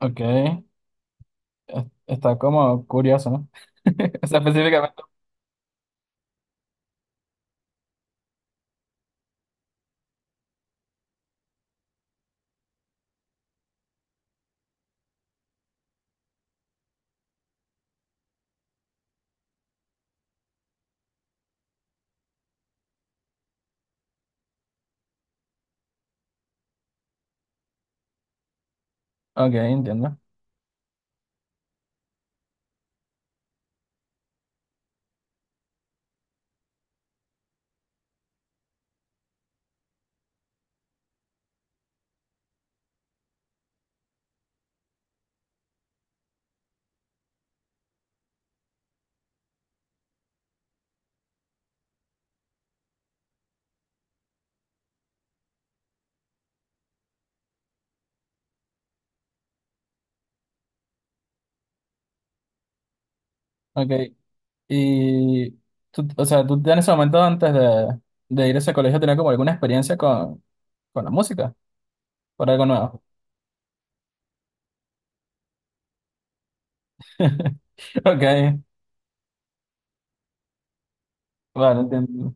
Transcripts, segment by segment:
Ok, está como curioso, ¿no? O sea, específicamente. Ok, entiendo. Ok, y tú, o sea, tú en ese momento antes de ir a ese colegio tenías como alguna experiencia con la música, por algo nuevo. Ok, vale, entiendo.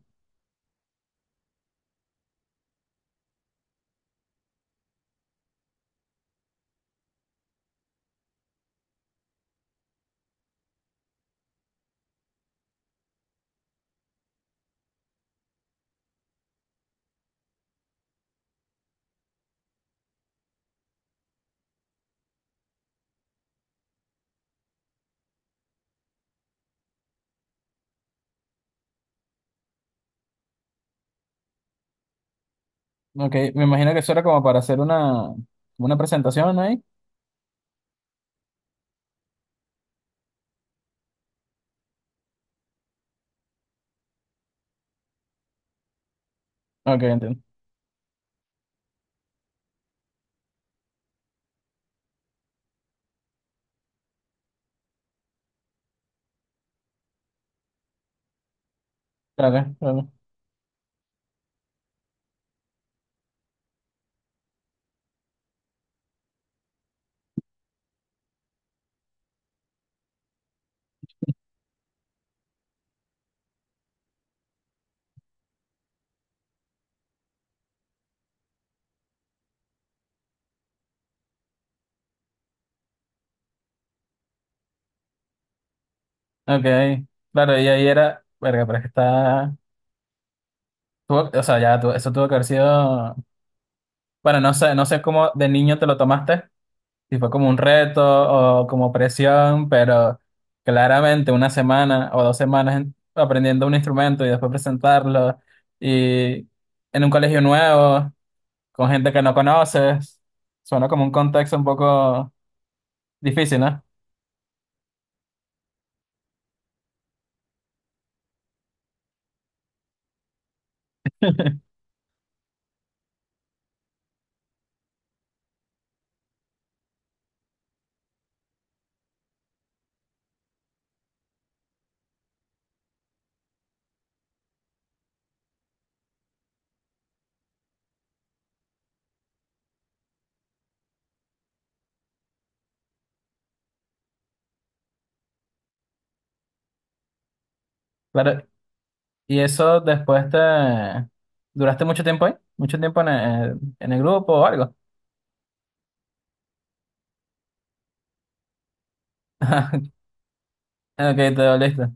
Ok, me imagino que eso era como para hacer una presentación ahí. Ok, entiendo. Claro, claro. Ok, claro, y ahí era, verga, pero es que está, o sea, ya, eso tuvo que haber sido, bueno, no sé, no sé cómo de niño te lo tomaste. Sí, fue como un reto o como presión, pero claramente una semana o dos semanas aprendiendo un instrumento y después presentarlo y en un colegio nuevo, con gente que no conoces, suena como un contexto un poco difícil, ¿no? Claro, y eso después te... ¿Duraste mucho tiempo ahí? ¿Mucho tiempo en en el grupo o algo? Ok, te doliste.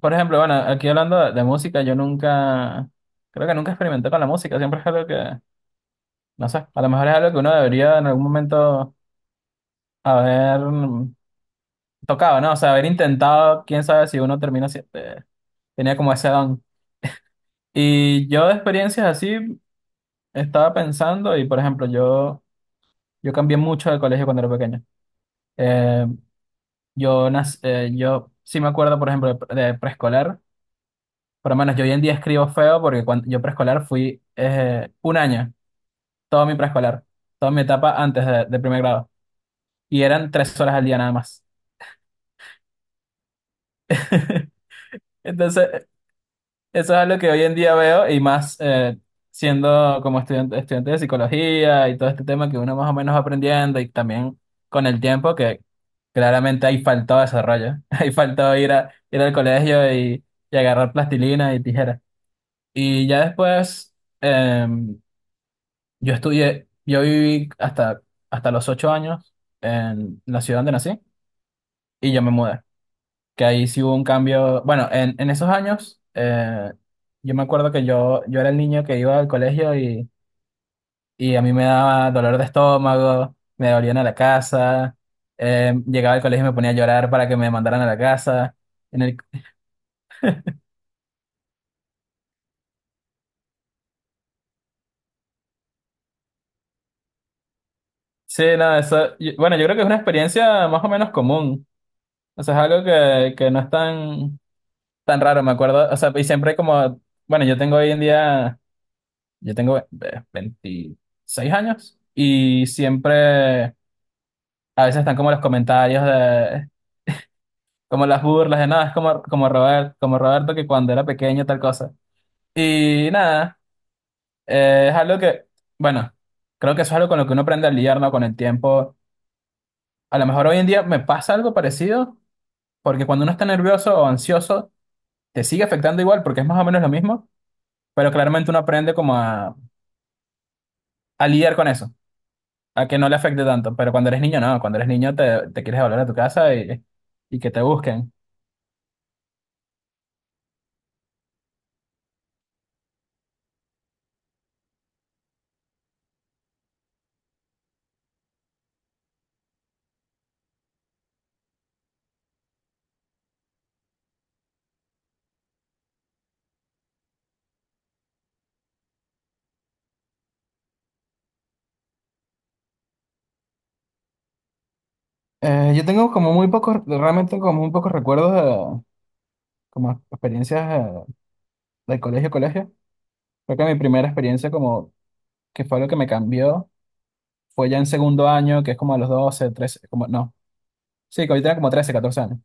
Por ejemplo, bueno, aquí hablando de música, yo nunca, creo que nunca experimenté con la música, siempre es algo que, no sé, a lo mejor es algo que uno debería en algún momento haber tocado, ¿no? O sea, haber intentado, quién sabe si uno termina, tenía como ese don. Y yo de experiencias así estaba pensando y, por ejemplo, yo cambié mucho de colegio cuando era pequeño. Eh, yo sí me acuerdo, por ejemplo, de preescolar, por lo menos yo hoy en día escribo feo porque cuando yo preescolar fui un año. Todo mi preescolar, toda mi etapa antes de primer grado. Y eran tres horas al día nada más. Entonces, eso es algo que hoy en día veo y más siendo como estudiante, estudiante de psicología y todo este tema que uno más o menos va aprendiendo y también con el tiempo que claramente ahí faltó desarrollo. Ahí faltó ir, a, ir al colegio y agarrar plastilina y tijeras. Y ya después eh, yo viví hasta, hasta los ocho años en la ciudad donde nací y yo me mudé. Que ahí sí hubo un cambio. Bueno, en esos años, yo me acuerdo que yo era el niño que iba al colegio y a mí me daba dolor de estómago, me dolían a la casa, llegaba al colegio y me ponía a llorar para que me mandaran a la casa. En el, sí, no, eso, bueno, yo creo que es una experiencia más o menos común. O sea, es algo que no es tan, tan raro, me acuerdo. O sea, y siempre como, bueno, yo tengo hoy en día, yo tengo 26 años y siempre... A veces están como los comentarios de, como las burlas de nada, es como, como Robert, como Roberto que cuando era pequeño tal cosa. Y nada, es algo que, bueno, creo que eso es algo con lo que uno aprende a lidiar, ¿no? Con el tiempo. A lo mejor hoy en día me pasa algo parecido, porque cuando uno está nervioso o ansioso, te sigue afectando igual, porque es más o menos lo mismo, pero claramente uno aprende como a lidiar con eso, a que no le afecte tanto. Pero cuando eres niño, no, cuando eres niño te quieres volver a tu casa y que te busquen. Yo tengo como muy pocos, realmente como muy pocos recuerdos, como experiencias eh, de colegio a colegio. Creo que mi primera experiencia como que fue lo que me cambió fue ya en segundo año, que es como a los 12 13 como, no, sí, que ahorita era como 13 14 años.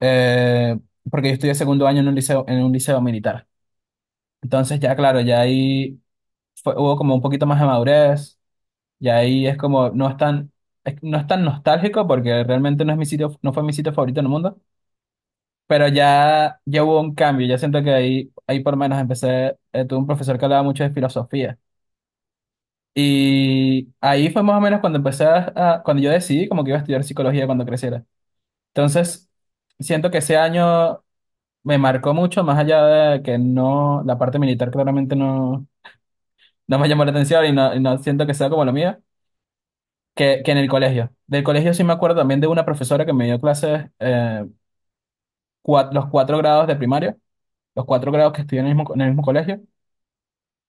Eh, porque yo estudié segundo año en un liceo militar. Entonces ya claro, ya ahí hubo como un poquito más de madurez, y ahí es como, no es tan, no es tan nostálgico porque realmente no es mi sitio, no fue mi sitio favorito en el mundo. Pero ya, ya hubo un cambio, ya siento que ahí, ahí por lo menos empecé, tuve un profesor que hablaba mucho de filosofía. Y ahí fue más o menos cuando empecé cuando yo decidí como que iba a estudiar psicología cuando creciera. Entonces, siento que ese año me marcó mucho, más allá de que no, la parte militar claramente no, no me llamó la atención y no siento que sea como lo mío, que en el colegio. Del colegio sí me acuerdo también de una profesora que me dio clases los cuatro grados de primaria, los cuatro grados que estudié en el mismo colegio.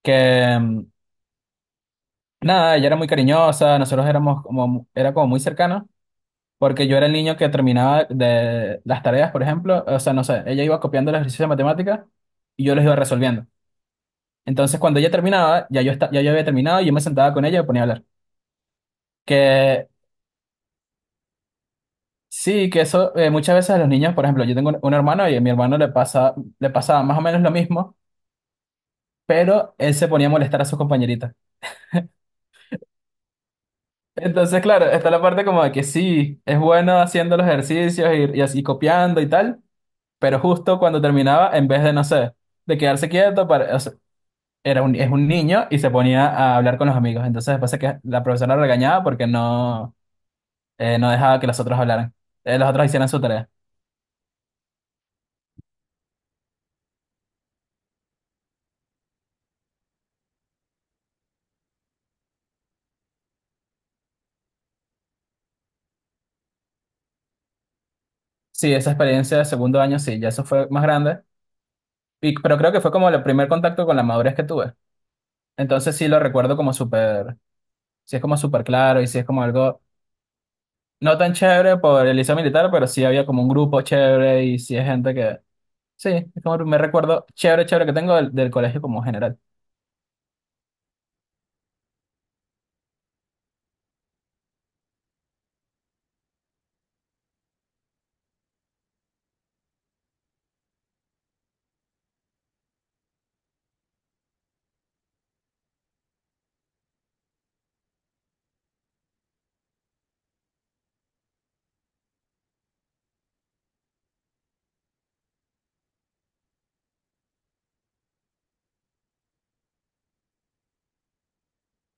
Que nada, ella era muy cariñosa, nosotros éramos como, era como muy cercana, porque yo era el niño que terminaba de las tareas, por ejemplo, o sea, no sé, ella iba copiando los ejercicios de matemáticas y yo los iba resolviendo. Entonces, cuando ella terminaba, ya yo, ya yo había terminado y yo me sentaba con ella y me ponía a hablar. Que sí, que eso muchas veces a los niños, por ejemplo, yo tengo un hermano y a mi hermano le pasa, le pasaba más o menos lo mismo, pero él se ponía a molestar a sus compañeritas. Entonces, claro, está la parte como de que sí, es bueno haciendo los ejercicios y así copiando y tal, pero justo cuando terminaba, en vez de, no sé, de quedarse quieto, para, o sea, es un niño y se ponía a hablar con los amigos. Entonces, después es que la profesora lo regañaba porque no, no dejaba que los otros hablaran, los otros hicieran su tarea. Sí, esa experiencia de segundo año, sí, ya eso fue más grande, y, pero creo que fue como el primer contacto con la madurez que tuve. Entonces, sí lo recuerdo como súper, sí es como súper claro y sí es como algo. No tan chévere por el liceo militar, pero sí había como un grupo chévere y sí hay gente que... Sí, es como me recuerdo chévere, chévere que tengo del colegio como general.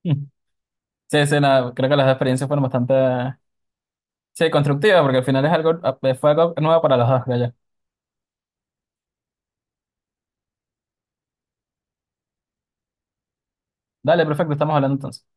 Mm. Sí, sí, nada, creo que las experiencias fueron bastante... Sí, constructivas, porque al final es algo, fue algo nuevo para los dos, creo yo. Dale, perfecto, estamos hablando entonces.